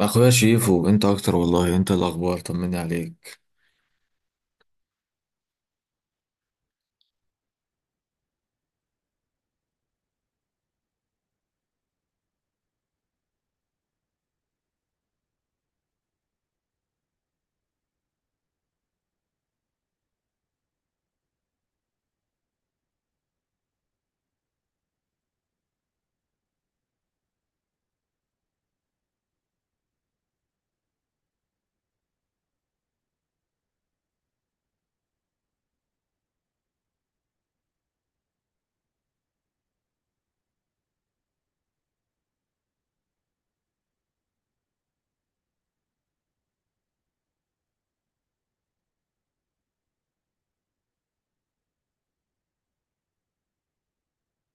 اخويا شيفو، انت اكتر والله. انت الاخبار، طمني عليك.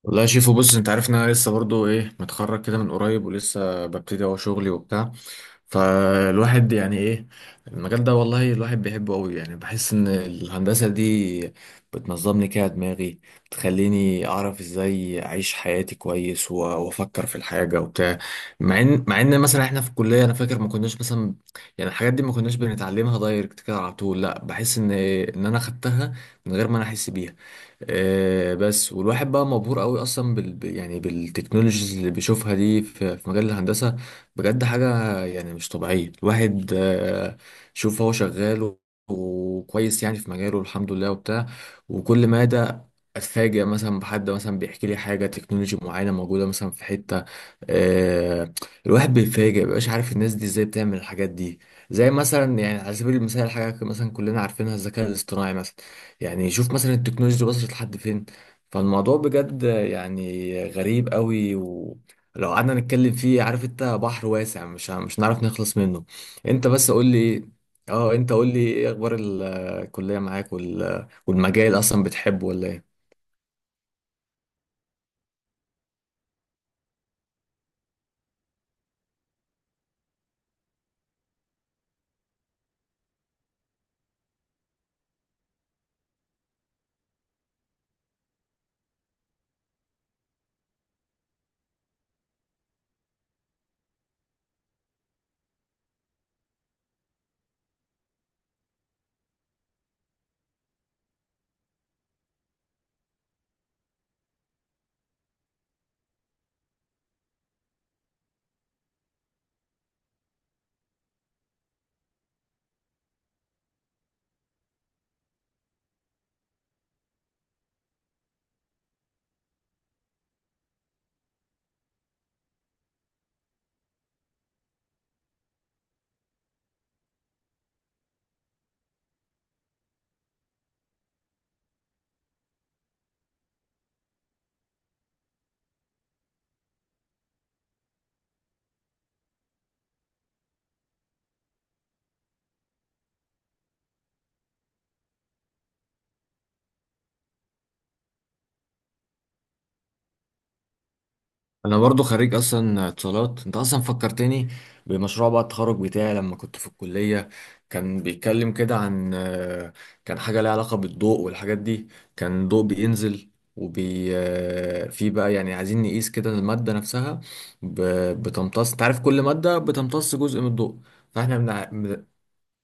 والله يا شيفو، بص، انت عارف ان انا لسه برضو متخرج كده من قريب، ولسه ببتدي اهو شغلي وبتاع. فالواحد يعني المجال ده والله الواحد بيحبه قوي. يعني بحس ان الهندسة دي بتنظمني كده دماغي، بتخليني اعرف ازاي اعيش حياتي كويس وافكر في الحاجة وبتاع. مع ان مثلا احنا في الكلية، انا فاكر ما كناش مثلا يعني الحاجات دي ما كناش بنتعلمها دايركت كده على طول. لا، بحس ان انا خدتها من غير ما انا احس بيها. بس والواحد بقى مبهور قوي اصلا يعني بالتكنولوجيز اللي بيشوفها دي في مجال الهندسه. بجد حاجه يعني مش طبيعيه. الواحد آه، شوف هو شغال وكويس يعني في مجاله الحمد لله وبتاع. وكل ما ده اتفاجئ مثلا بحد مثلا بيحكي لي حاجه تكنولوجي معينه موجوده مثلا في حته، آه، الواحد بيتفاجئ، مبقاش عارف الناس دي ازاي بتعمل الحاجات دي. زي مثلا يعني على سبيل المثال حاجه مثلا كلنا عارفينها، الذكاء الاصطناعي مثلا. يعني شوف مثلا التكنولوجيا وصلت لحد فين. فالموضوع بجد يعني غريب قوي، ولو قعدنا نتكلم فيه، عارف انت، بحر واسع، مش هنعرف نخلص منه. انت بس قول لي إيه؟ اه انت قول لي ايه اخبار الكلية معاك والمجال اصلا بتحبه ولا ايه؟ انا برضو خريج اصلا اتصالات. انت اصلا فكرتني بمشروع بقى التخرج بتاعي لما كنت في الكلية. كان بيتكلم كده عن كان حاجة ليها علاقة بالضوء والحاجات دي. كان ضوء بينزل وبي آه، في بقى يعني عايزين نقيس كده المادة نفسها ب- بتمتص. انت عارف كل مادة بتمتص جزء من الضوء. فاحنا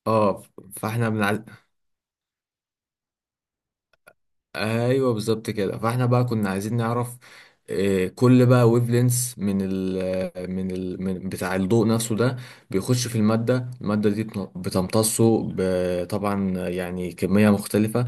اه فاحنا ايوه بالظبط كده. فاحنا بقى كنا عايزين نعرف، كل بقى ويف لينس من ال من ال من بتاع الضوء نفسه ده، بيخش في المادة. المادة دي بتمتصه طبعا يعني كمية مختلفة.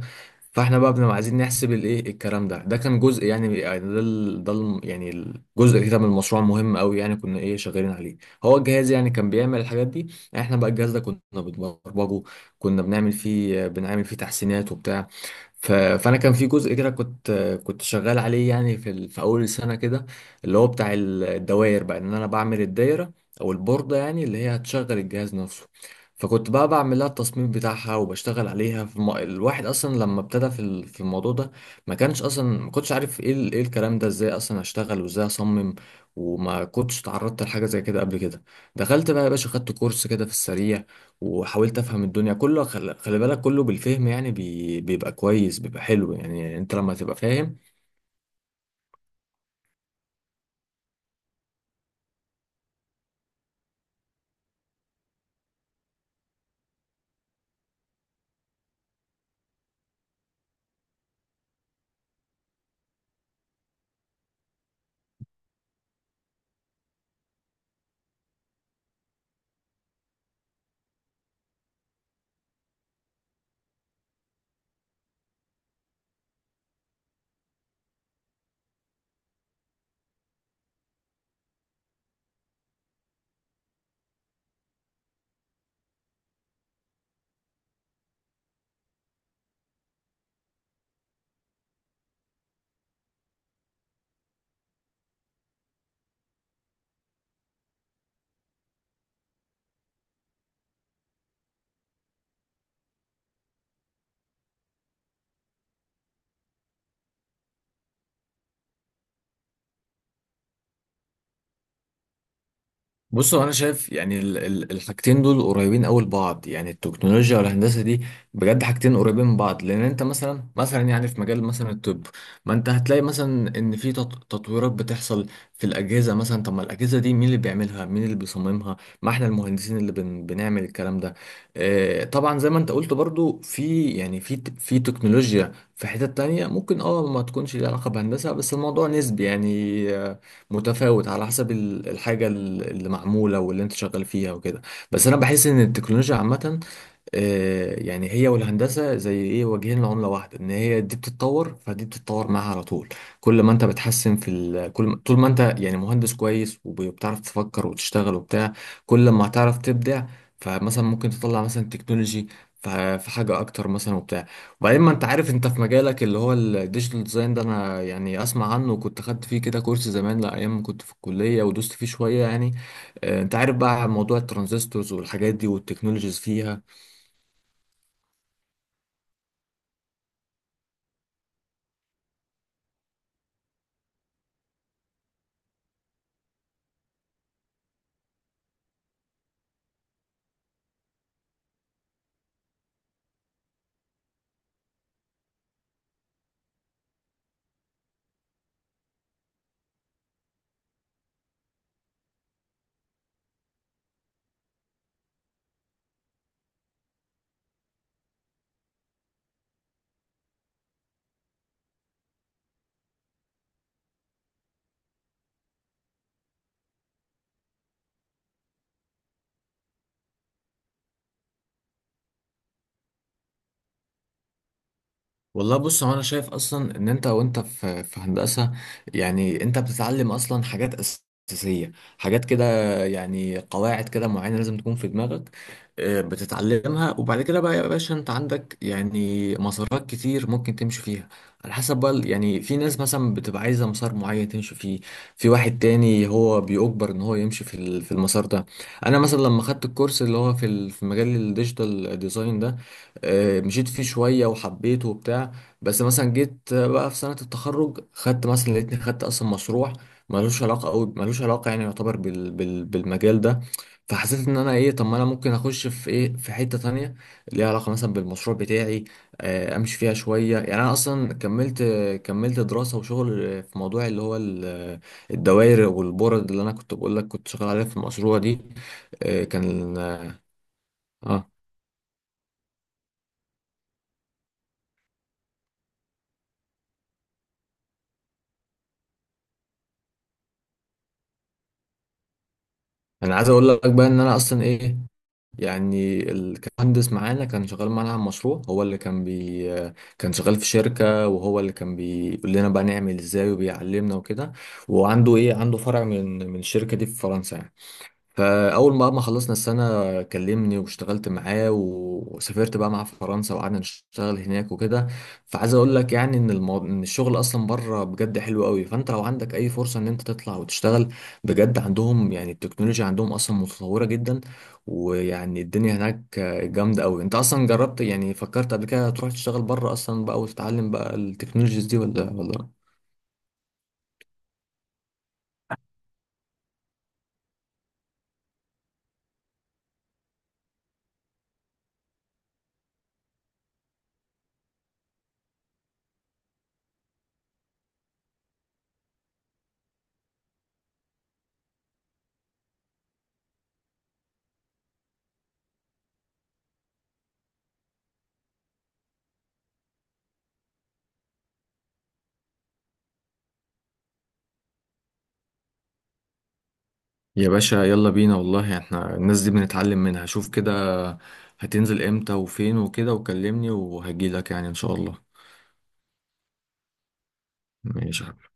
فاحنا بقى بنبقى عايزين نحسب الايه الكلام ده. ده كان جزء يعني، يعني ده يعني الجزء كده من المشروع مهم قوي يعني، كنا ايه شغالين عليه. هو الجهاز يعني كان بيعمل الحاجات دي، احنا بقى الجهاز ده كنا بنبرمجه، كنا بنعمل فيه تحسينات وبتاع. فانا كان في جزء كده كنت شغال عليه يعني في اول السنه كده، اللي هو بتاع الدوائر، بقى ان انا بعمل الدايره او البورده يعني اللي هي هتشغل الجهاز نفسه. فكنت بقى بعمل لها التصميم بتاعها وبشتغل عليها الواحد اصلا لما ابتدى في الموضوع ده، ما كانش اصلا ما كنتش عارف ايه ايه الكلام ده، ازاي اصلا اشتغل وازاي اصمم. وما كنتش تعرضت لحاجه زي كده قبل كده. دخلت بقى يا باشا خدت كورس كده في السريع، وحاولت افهم الدنيا كله. خلي بالك كله بالفهم، يعني بيبقى كويس، بيبقى حلو، يعني انت لما تبقى فاهم. بصوا، انا شايف يعني الحاجتين دول قريبين قوي لبعض، يعني التكنولوجيا والهندسه دي بجد حاجتين قريبين من بعض. لان انت مثلا يعني في مجال مثلا الطب، ما انت هتلاقي مثلا ان في تطويرات بتحصل في الاجهزه مثلا. طب ما الاجهزه دي مين اللي بيعملها، مين اللي بيصممها؟ ما احنا المهندسين اللي بنعمل الكلام ده. آه طبعا زي ما انت قلت برضو في يعني في في تكنولوجيا في حتت تانية ممكن اه ما تكونش ليها علاقه بهندسه، بس الموضوع نسبي يعني، متفاوت على حسب الحاجة اللي معمولة واللي انت شغال فيها وكده. بس انا بحس ان التكنولوجيا عامة، يعني هي والهندسة زي ايه، وجهين لعملة واحدة، ان هي دي بتتطور فدي بتتطور معاها على طول. كل ما انت بتحسن في ال... كل ما... طول ما انت يعني مهندس كويس وبتعرف تفكر وتشتغل وبتاع، كل ما هتعرف تبدع. فمثلا ممكن تطلع مثلا تكنولوجي في حاجة أكتر مثلا وبتاع. وبعدين ما أنت عارف أنت في مجالك اللي هو الديجيتال ديزاين ده، أنا يعني أسمع عنه، وكنت خدت فيه كده كورس زمان لا أيام ما كنت في الكلية، ودوست فيه شوية يعني. أنت عارف بقى موضوع الترانزستورز والحاجات دي والتكنولوجيز فيها. والله بص، هو انا شايف اصلا ان انت وانت في هندسه يعني انت بتتعلم اصلا حاجات اساسيه، حاجات كده، يعني قواعد كده معينه لازم تكون في دماغك. بتتعلمها، وبعد كده بقى يا باشا انت عندك يعني مسارات كتير ممكن تمشي فيها، على حسب بقى يعني في ناس مثلا بتبقى عايزه مسار معين تمشي فيه، في واحد تاني هو بيجبر ان هو يمشي في المسار ده. انا مثلا لما خدت الكورس اللي هو في مجال الديجيتال ديزاين ده، مشيت فيه شوية وحبيته وبتاع. بس مثلا جيت بقى في سنة التخرج خدت مثلا، لقيتني خدت أصلا مشروع ملوش علاقة أوي، ملوش علاقة يعني يعتبر بالمجال ده. فحسيت إن أنا إيه، طب ما أنا ممكن أخش في إيه في حتة تانية ليها علاقة مثلا بالمشروع بتاعي، أمشي فيها شوية. يعني أنا أصلا كملت دراسة وشغل في موضوع اللي هو الدوائر والبورد اللي أنا كنت بقول لك كنت شغال عليها في المشروع دي. آه، كان اه انا عايز اقول لك بقى ان انا اصلا ايه، يعني كان مهندس معانا كان شغال معانا على مشروع، هو اللي كان كان شغال في شركة، وهو اللي كان بيقول لنا بقى نعمل ازاي وبيعلمنا وكده. وعنده ايه، عنده فرع من الشركة دي في فرنسا يعني. فاول ما خلصنا السنه كلمني واشتغلت معاه، وسافرت بقى مع فرنسا وقعدنا نشتغل هناك وكده. فعايز اقول لك يعني ان ان الشغل اصلا بره بجد حلو قوي. فانت لو عندك اي فرصه ان انت تطلع وتشتغل، بجد عندهم يعني التكنولوجيا عندهم اصلا متطوره جدا، ويعني الدنيا هناك جامده قوي. انت اصلا جربت يعني، فكرت قبل كده تروح تشتغل بره اصلا بقى وتتعلم بقى التكنولوجيز دي ولا ولا؟ يا باشا يلا بينا والله، احنا الناس دي بنتعلم منها. شوف كده هتنزل امتى وفين وكده وكلمني وهجيلك يعني ان شاء الله. ماشي.